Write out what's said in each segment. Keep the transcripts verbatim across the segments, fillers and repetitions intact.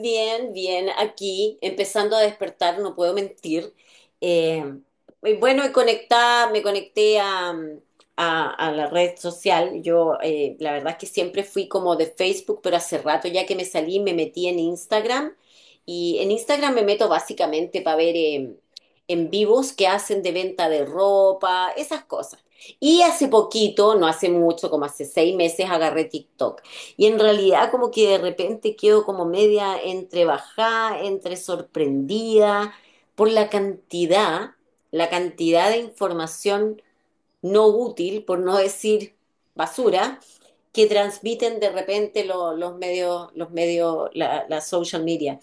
Bien, bien, aquí empezando a despertar, no puedo mentir. Eh, y bueno, y conectada, me conecté a, a- a la red social. Yo, eh, la verdad es que siempre fui como de Facebook, pero hace rato ya que me salí, me metí en Instagram. Y en Instagram me meto básicamente para ver eh, en vivos que hacen de venta de ropa, esas cosas. Y hace poquito, no hace mucho, como hace seis meses, agarré TikTok. Y en realidad como que de repente quedo como media entre bajada, entre sorprendida por la cantidad, la cantidad de información no útil, por no decir basura, que transmiten de repente lo- los medios, los medios, la, la social media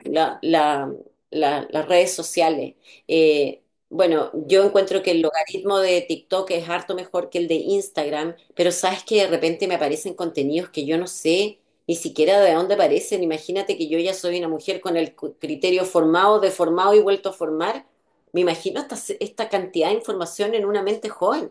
la- la- la- las redes sociales. Eh, bueno, yo encuentro que el logaritmo de TikTok es harto mejor que el de Instagram, pero sabes que de repente me aparecen contenidos que yo no sé ni siquiera de dónde aparecen. Imagínate que yo ya soy una mujer con el cu- criterio formado, deformado y vuelto a formar. Me imagino esta, esta cantidad de información en una mente joven.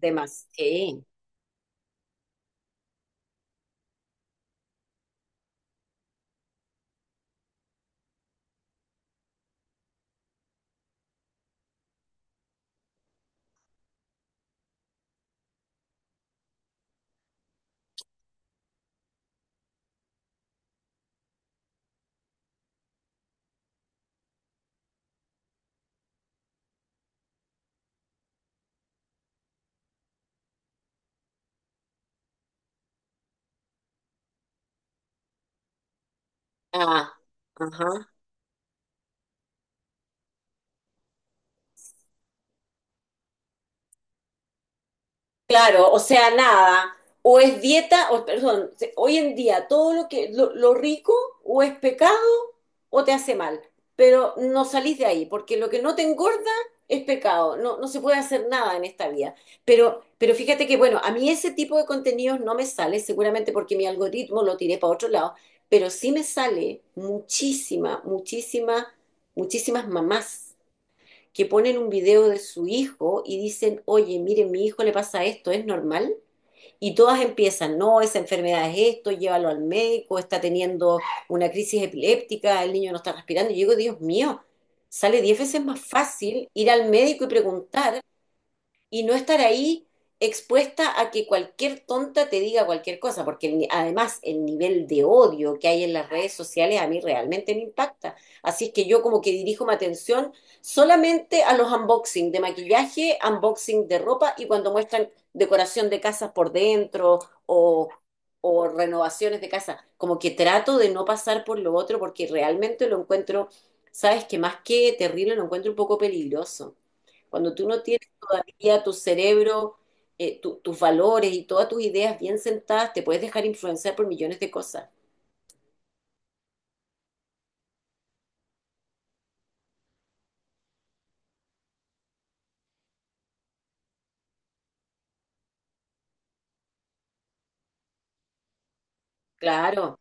Demasiado. Ah, ajá. Claro, o sea, nada, o es dieta, o perdón, se- hoy en día todo lo que lo, lo rico o es pecado o te hace mal, pero no salís de ahí, porque lo que no te engorda es pecado, no, no se puede hacer nada en esta vida. Pero, pero fíjate que, bueno, a mí ese tipo de contenidos no me sale, seguramente porque mi algoritmo lo tiré para otro lado, pero sí me sale muchísima, muchísima, muchísimas mamás que ponen un video de su hijo y dicen, oye, miren, mi hijo le pasa esto, ¿es normal? Y todas empiezan, no, esa enfermedad es esto, llévalo al médico, está teniendo una crisis epiléptica, el niño no está respirando. Y yo digo, Dios mío, sale diez veces más fácil ir al médico y preguntar y no estar ahí expuesta a que cualquier tonta te diga cualquier cosa, porque el además el nivel de odio que hay en las redes sociales a mí realmente me impacta. Así es que yo como que dirijo mi atención solamente a los unboxing de maquillaje, unboxing de ropa y cuando muestran decoración de casas por dentro o, o renovaciones de casa. Como que trato de no pasar por lo otro porque realmente lo encuentro, sabes que más que terrible, lo encuentro un poco peligroso. Cuando tú no tienes todavía tu cerebro, eh, tu- tus valores y todas tus ideas bien sentadas, te puedes dejar influenciar por millones de cosas. Claro.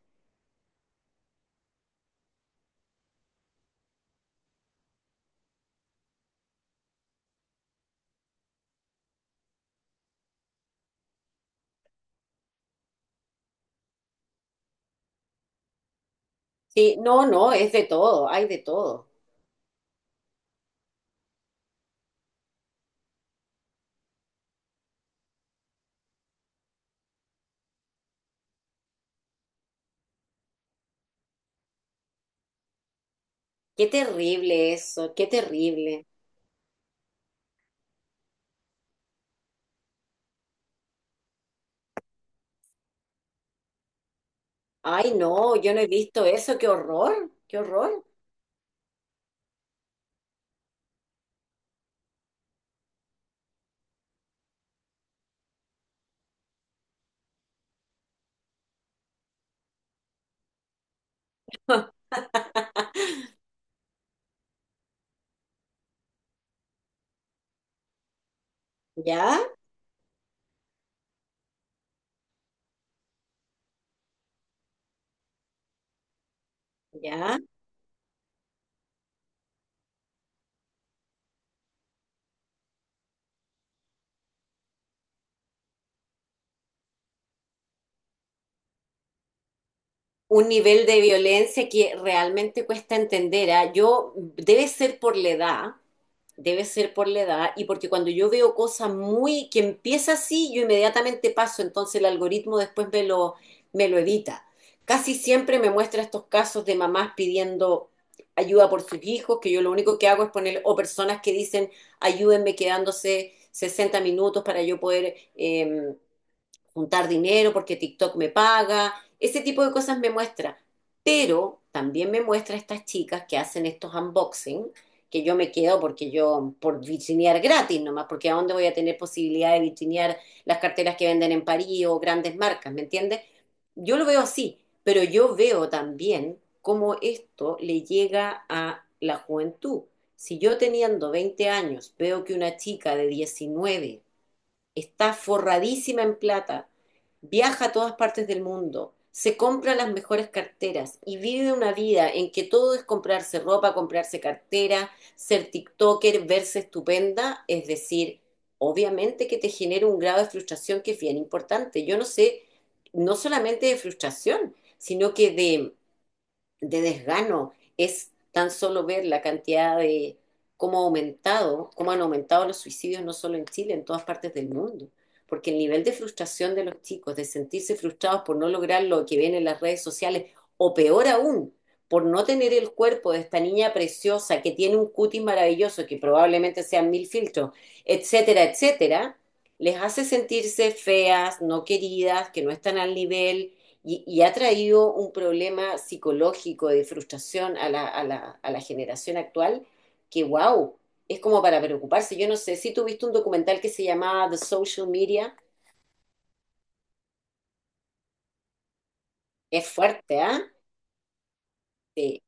Sí, no, no, es de todo, hay de todo. Qué terrible eso, qué terrible. Ay, no, yo no he visto eso, qué horror, qué horror. ¿Ya? ¿Ya? Un nivel de violencia que realmente cuesta entender, ¿ah? Yo, debe ser por la edad, debe ser por la edad, y porque cuando yo veo cosas muy, que empieza así, yo inmediatamente paso, entonces el algoritmo después me lo, me lo evita. Casi siempre me muestra estos casos de mamás pidiendo ayuda por sus hijos, que yo lo único que hago es poner, o personas que dicen, ayúdenme quedándose sesenta minutos para yo poder eh, juntar dinero porque TikTok me paga, ese tipo de cosas me muestra. Pero también me muestra estas chicas que hacen estos unboxing, que yo me quedo porque yo, por vitrinear gratis nomás, porque ¿a dónde voy a tener posibilidad de vitrinear las carteras que venden en París o grandes marcas?, ¿me entiendes? Yo lo veo así, pero yo veo también cómo esto le llega a la juventud. Si yo teniendo veinte años veo que una chica de diecinueve está forradísima en plata, viaja a todas partes del mundo, se compra las mejores carteras y vive una vida en que todo es comprarse ropa, comprarse cartera, ser TikToker, verse estupenda, es decir, obviamente que te genera un grado de frustración que es bien importante. Yo no sé, no solamente de frustración, sino que de de desgano, es tan solo ver la cantidad de cómo ha aumentado, cómo han aumentado los suicidios no solo en Chile, en todas partes del mundo. Porque el nivel de frustración de los chicos, de sentirse frustrados por no lograr lo que ven en las redes sociales, o peor aún, por no tener el cuerpo de esta niña preciosa que tiene un cutis maravilloso, que probablemente sean mil filtros, etcétera, etcétera, les hace sentirse feas, no queridas, que no están al nivel, y, y ha traído un problema psicológico de frustración a la, a la, a la generación actual que, wow, es como para preocuparse. Yo no sé si tú viste un documental que se llamaba The Social Media. Es fuerte, ¿ah? ¿Eh? Sí.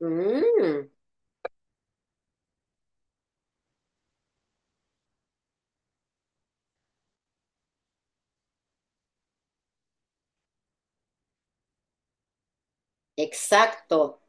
Mm, exacto.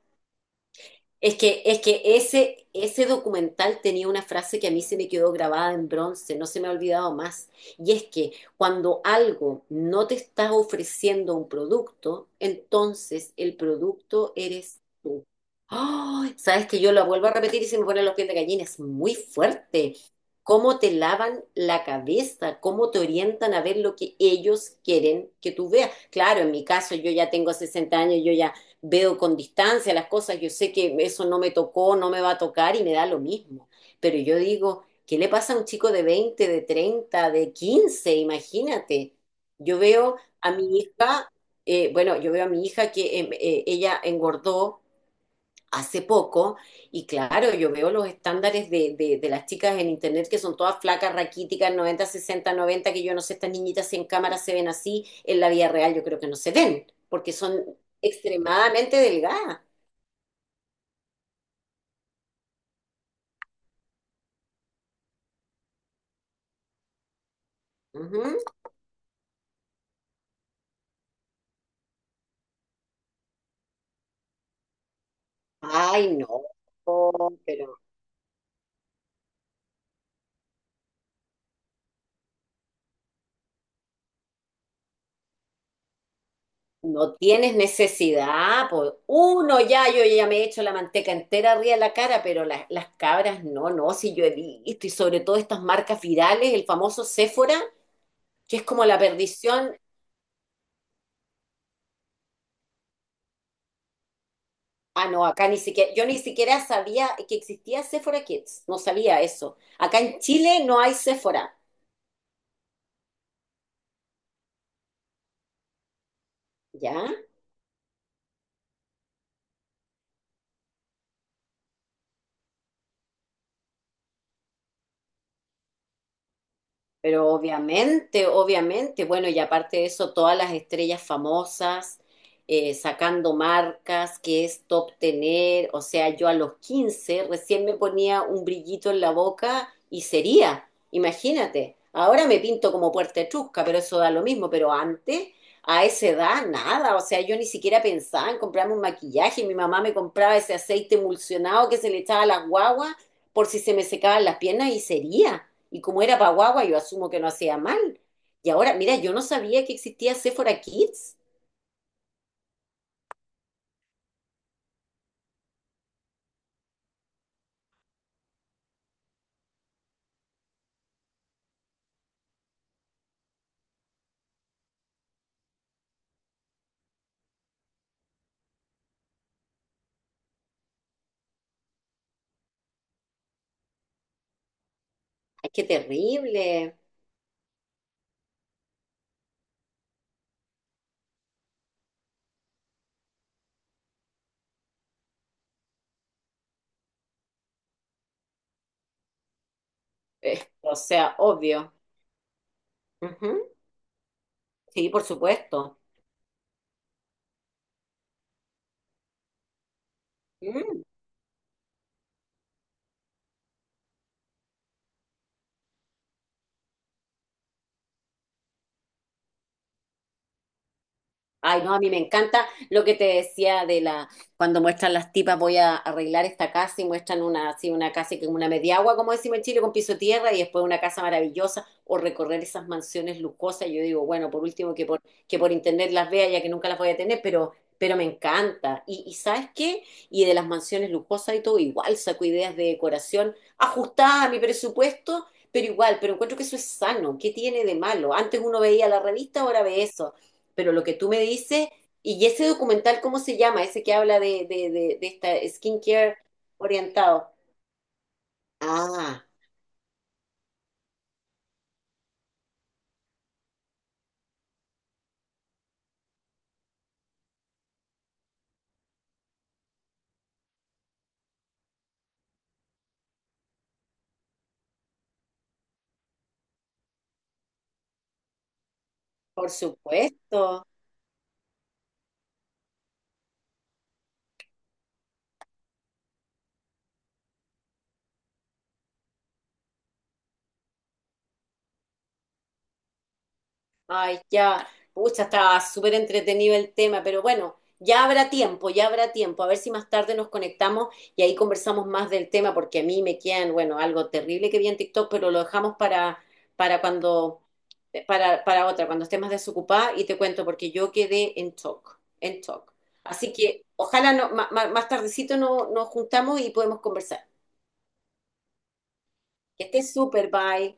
Es que, es que ese, ese documental tenía una frase que a mí se me quedó grabada en bronce, no se me ha olvidado más. Y es que cuando algo no te está ofreciendo un producto, entonces el producto eres tú. ¡Ay!, sabes que yo lo vuelvo a repetir y se me ponen los pies de gallina, es muy fuerte. Cómo te lavan la cabeza, cómo te orientan a ver lo que ellos quieren que tú veas. Claro, en mi caso yo ya tengo sesenta años, yo ya veo con distancia las cosas, yo sé que eso no me tocó, no me va a tocar y me da lo mismo. Pero yo digo, ¿qué le pasa a un chico de veinte, de treinta, de quince? Imagínate. Yo veo a mi hija, eh, bueno, yo veo a mi hija que eh, eh, ella engordó hace poco, y claro, yo veo los estándares de, de, de las chicas en internet que son todas flacas, raquíticas, noventa sesenta noventa, que yo no sé, estas niñitas si en cámara se ven así, en la vida real yo creo que no se ven, porque son extremadamente delgadas. Ujú. Ay, no, pero no tienes necesidad, pues uno ya, yo ya me he hecho la manteca entera arriba de la cara, pero las, las cabras no, no, si yo he visto, y sobre todo estas marcas virales, el famoso Sephora, que es como la perdición. Ah, no, acá ni siquiera, yo ni siquiera sabía que existía Sephora Kids, no sabía eso. Acá en Chile no hay Sephora, ¿ya? Pero obviamente, obviamente, bueno, y aparte de eso, todas las estrellas famosas, eh, sacando marcas, que es top tener, o sea, yo a los quince recién me ponía un brillito en la boca y sería, imagínate, ahora me pinto como puerta etrusca, pero eso da lo mismo, pero antes, a esa edad, nada, o sea, yo ni siquiera pensaba en comprarme un maquillaje, mi mamá me compraba ese aceite emulsionado que se le echaba a las guaguas por si se me secaban las piernas y sería. Y como era Paguagua, yo asumo que no hacía mal. Y ahora, mira, yo no sabía que existía Sephora Kids. Ay, qué terrible. Eh, o sea, obvio. Ujú. Sí, por supuesto. Mm. Ay, no, a mí me encanta lo que te decía de la, cuando muestran las tipas, voy a arreglar esta casa y muestran una, así una casa que es una mediagua, como decimos en Chile, con piso de tierra y después una casa maravillosa, o recorrer esas mansiones lujosas. Yo digo, bueno, por último que por, que por internet las vea, ya que nunca las voy a tener, pero, pero me encanta. Y, y ¿sabes qué? Y de las mansiones lujosas y todo, igual saco ideas de decoración ajustada a mi presupuesto, pero igual, pero encuentro que eso es sano. ¿Qué tiene de malo? Antes uno veía la revista, ahora ve eso, pero lo que tú me dices, y ese documental, ¿cómo se llama? Ese que habla de, de, de, de esta skincare orientado. Ah, por supuesto. Ay, ya, pucha, estaba súper entretenido el tema, pero bueno, ya habrá tiempo, ya habrá tiempo. A ver si más tarde nos conectamos y ahí conversamos más del tema, porque a mí me quedan, bueno, algo terrible que vi en TikTok, pero lo dejamos para, para cuando, eh, para, para otra, cuando esté más desocupada y te cuento, porque yo quedé en shock, en shock. Así que ojalá no, ma- ma- más, tardecito no- nos juntamos y podemos conversar. Que estés súper, bye.